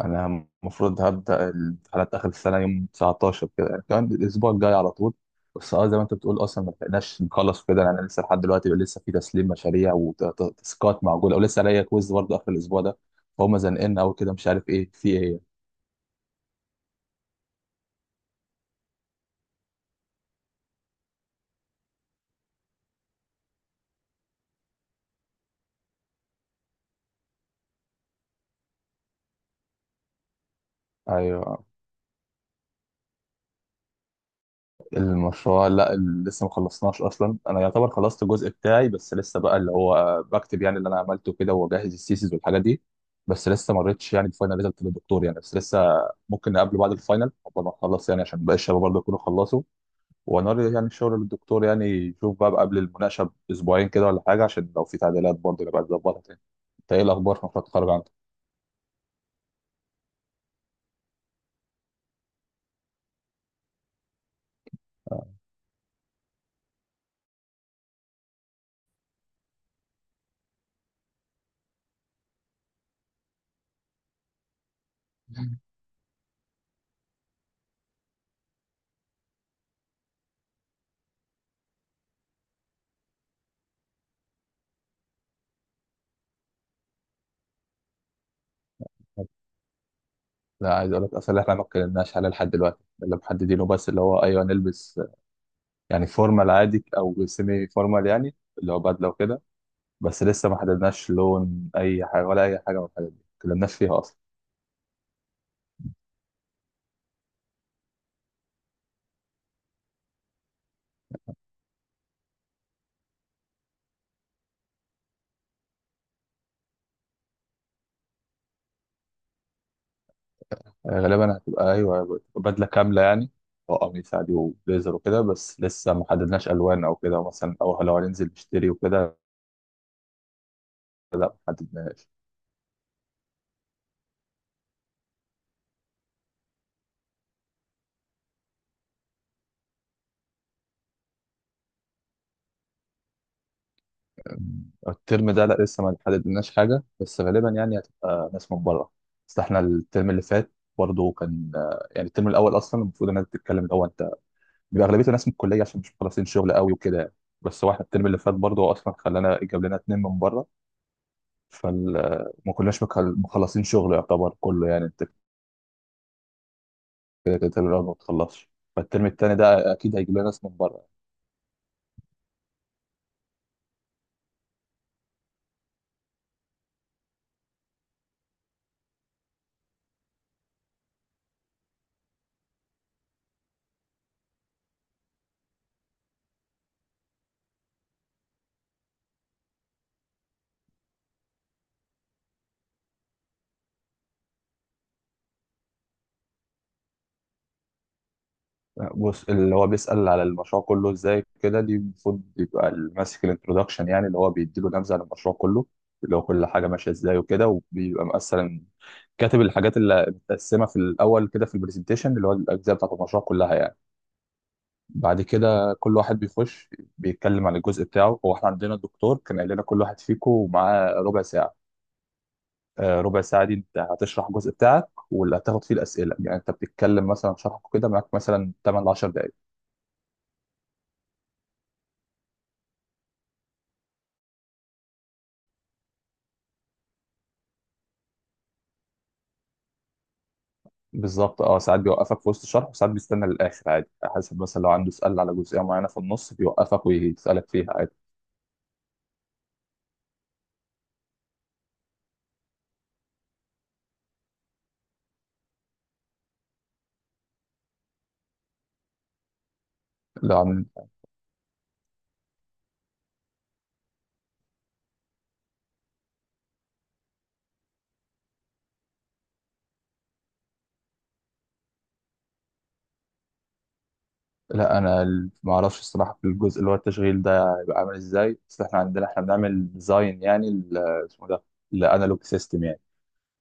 انا المفروض هبدا الامتحانات اخر السنه يوم 19 كده، يعني كمان الاسبوع الجاي على طول. بس زي ما انت بتقول اصلا ما لحقناش نخلص كده، يعني انا لسه لحد دلوقتي لسه في تسليم مشاريع وتاسكات معقوله، ولسه عليا كويز برضه اخر الاسبوع ده. فهم زنقلنا قوي كده، مش عارف ايه في ايه. ايوه. المشروع لا، لسه ما خلصناش اصلا. انا يعتبر خلصت الجزء بتاعي، بس لسه بقى اللي هو بكتب يعني اللي انا عملته كده، واجهز السيسز والحاجات دي. بس لسه ما مريتش يعني بفاينل ريزلت للدكتور يعني، بس لسه ممكن نقابله بعد الفاينل قبل ما نخلص يعني، عشان باقي الشباب برضه يكونوا خلصوا. ونوري يعني الشغل للدكتور يعني، يشوف بقى قبل المناقشه باسبوعين كده ولا حاجه، عشان لو في تعديلات برضه نبقى نظبطها تاني. انت ايه الاخبار في مشروع التخرج عندك؟ لا، عايز اقول لك اصلا احنا ما اتكلمناش عليه لحد دلوقتي. اللي محددينه بس اللي هو ايوه نلبس، يعني فورمال عادي او سيمي فورمال، يعني اللي هو بدله وكده. بس لسه ما حددناش لون اي حاجه، ولا اي حاجه من الحاجات دي ما اتكلمناش فيها اصلا. غالبا هتبقى ايوه بدله كامله يعني، وقميص عادي وبليزر وكده. بس لسه ما حددناش الوان او كده مثلا، او لو هننزل نشتري وكده. لا، ما حددناش. آه، الترم ده لا لسه ما حددناش حاجه، بس غالبا يعني هتبقى ناس من بره. بس احنا الترم اللي فات برضه كان يعني الترم الاول اصلا المفروض الناس بتتكلم الاول، بيبقى اغلبيته ناس من الكليه عشان مش مخلصين شغل قوي وكده يعني. بس واحد الترم اللي فات برضه هو اصلا خلانا جاب لنا اتنين من بره، فما كناش مخلصين شغل يعتبر كله يعني انت. كده كده الترم الاول ما بتخلصش، فالترم التاني ده اكيد هيجيب لنا ناس من بره. بص، اللي هو بيسال على المشروع كله ازاي كده، دي المفروض يبقى اللي ماسك الانترودكشن، يعني اللي هو بيديله نبذه عن المشروع كله، اللي هو كل حاجه ماشيه ازاي وكده. وبيبقى مثلا كاتب الحاجات اللي متقسمه في الاول كده في البرزنتيشن، اللي هو الاجزاء بتاعت المشروع كلها يعني. بعد كده كل واحد بيخش بيتكلم عن الجزء بتاعه. هو احنا عندنا الدكتور كان قال لنا كل واحد فيكم معاه ربع ساعة. ربع ساعة دي انت هتشرح الجزء بتاعك واللي هتاخد فيه الأسئلة، يعني انت بتتكلم مثلا شرحك كده معاك مثلا 8 ل 10 دقايق. بالظبط. اه ساعات بيوقفك في وسط الشرح، وساعات بيستنى للآخر عادي، على حسب. مثلا لو عنده سؤال على جزئية معينة في النص بيوقفك ويسألك فيها عادي. لو عن... لا، انا ما اعرفش الصراحة في الجزء اللي هو التشغيل ده هيبقى عامل ازاي، بس احنا عندنا احنا بنعمل ديزاين يعني اسمه ده لانالوج سيستم،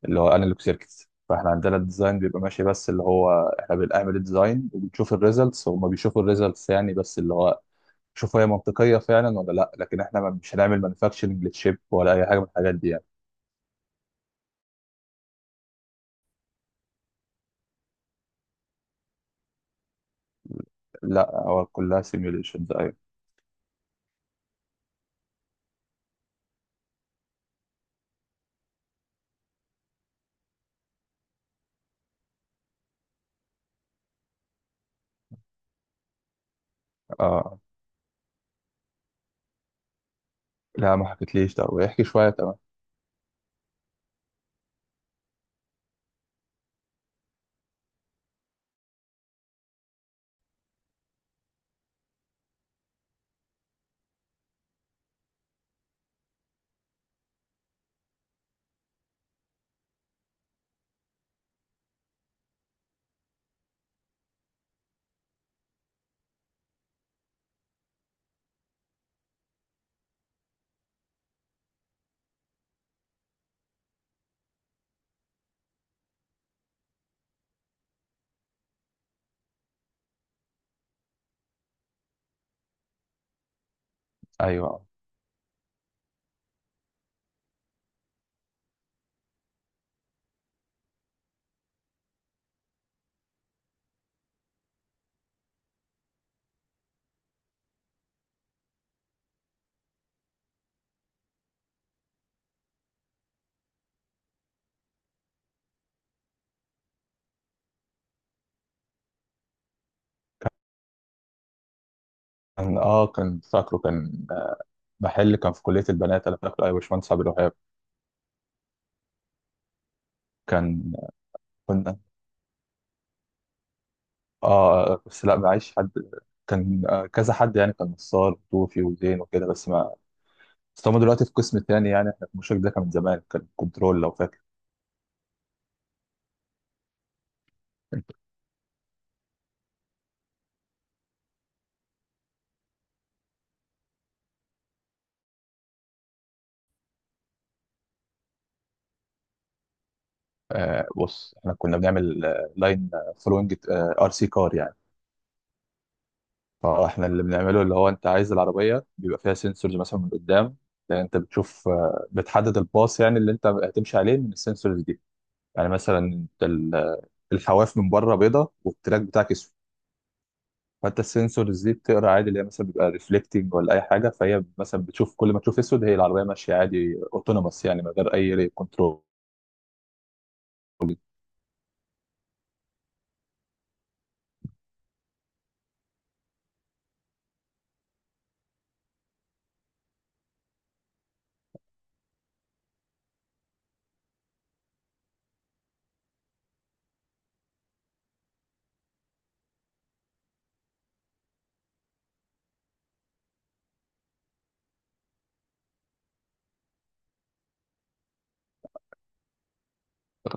اللي هو انالوج سيركتس. فاحنا عندنا الديزاين بيبقى ماشي، بس اللي هو احنا بنعمل الديزاين وبنشوف الريزلتس، هما بيشوفوا الريزلتس يعني. بس اللي هو شوف هي منطقيه فعلا ولا لا، لكن احنا مش هنعمل مانيفاكتشرنج للشيب ولا اي حاجه من الحاجات دي يعني. لا، هو كلها سيميوليشنز. ايوه. اه، لا ما حكيتليش ده، ويحكي شويه. تمام. ايوه. كان فاكره. كان محل كان في كليه البنات، انا فاكره، ايوه، باشمهندس عبد الوهاب. كان كنا، اه بس لا، معيش حد. كان كذا حد يعني، كان نصار وطوفي وزين وكده، بس ما. بس هم دلوقتي في قسم تاني، يعني احنا في المشارك ده كان من زمان، كان كنترول لو فاكر. بص، احنا كنا بنعمل لاين فلوينج ار سي كار يعني. فاحنا اللي بنعمله اللي هو انت عايز العربيه بيبقى فيها سنسورز مثلا من قدام، يعني انت بتشوف بتحدد الباص يعني اللي انت هتمشي عليه من السنسورز دي. يعني مثلا انت الحواف من بره بيضه والتراك بتاعك اسود، فانت السنسورز دي بتقرا عادي اللي هي مثلا بيبقى ريفلكتنج ولا اي حاجه. فهي مثلا بتشوف، كل ما تشوف اسود هي العربيه ماشيه عادي اوتونوموس يعني من غير اي كنترول.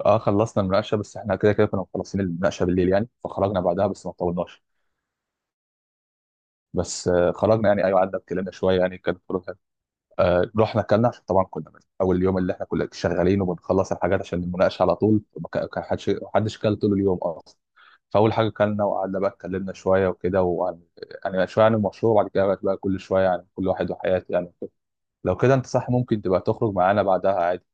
اه، خلصنا المناقشه، بس احنا كده كده كنا مخلصين المناقشه بالليل يعني، فخرجنا بعدها بس ما طولناش. بس خرجنا يعني. ايوه، قعدنا اتكلمنا شويه يعني، كانت خروج حلوة. رحنا اكلنا، عشان طبعا كنا من اول يوم اللي احنا كنا شغالين وبنخلص الحاجات عشان المناقشه على طول، ما حدش كل طول اليوم اصلا. فاول حاجه كلنا، وقعدنا بقى اتكلمنا شويه وكده، وعن يعني شويه عن المشروع، وبعد كده بقى كل شويه عن كل واحد وحياته يعني. لو كده انت صح، ممكن تبقى تخرج معانا بعدها عادي.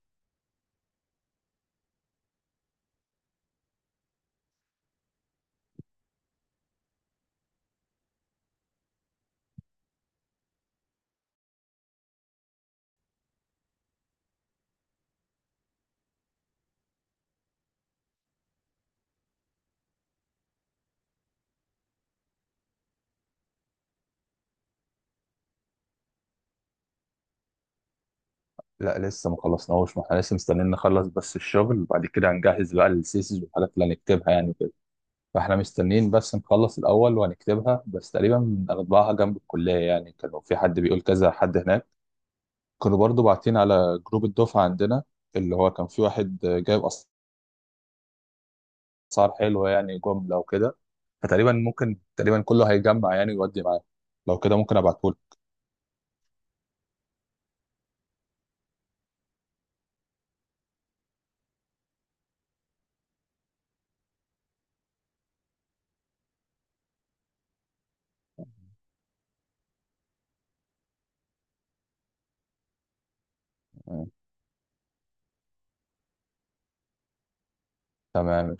لا، لسه ما خلصناهوش، ما احنا لسه مستنيين نخلص بس الشغل، وبعد كده هنجهز بقى الثيسز والحاجات اللي هنكتبها يعني كده. فاحنا مستنيين بس نخلص الاول وهنكتبها، بس تقريبا هنطبعها جنب الكليه يعني. كانوا في حد بيقول كذا حد هناك، كانوا برضو باعتين على جروب الدفعه عندنا، اللي هو كان في واحد جايب اسعار حلوه يعني جمله وكده. فتقريبا ممكن تقريبا كله هيجمع يعني ويودي معاه. لو كده ممكن ابعتهولك. تمام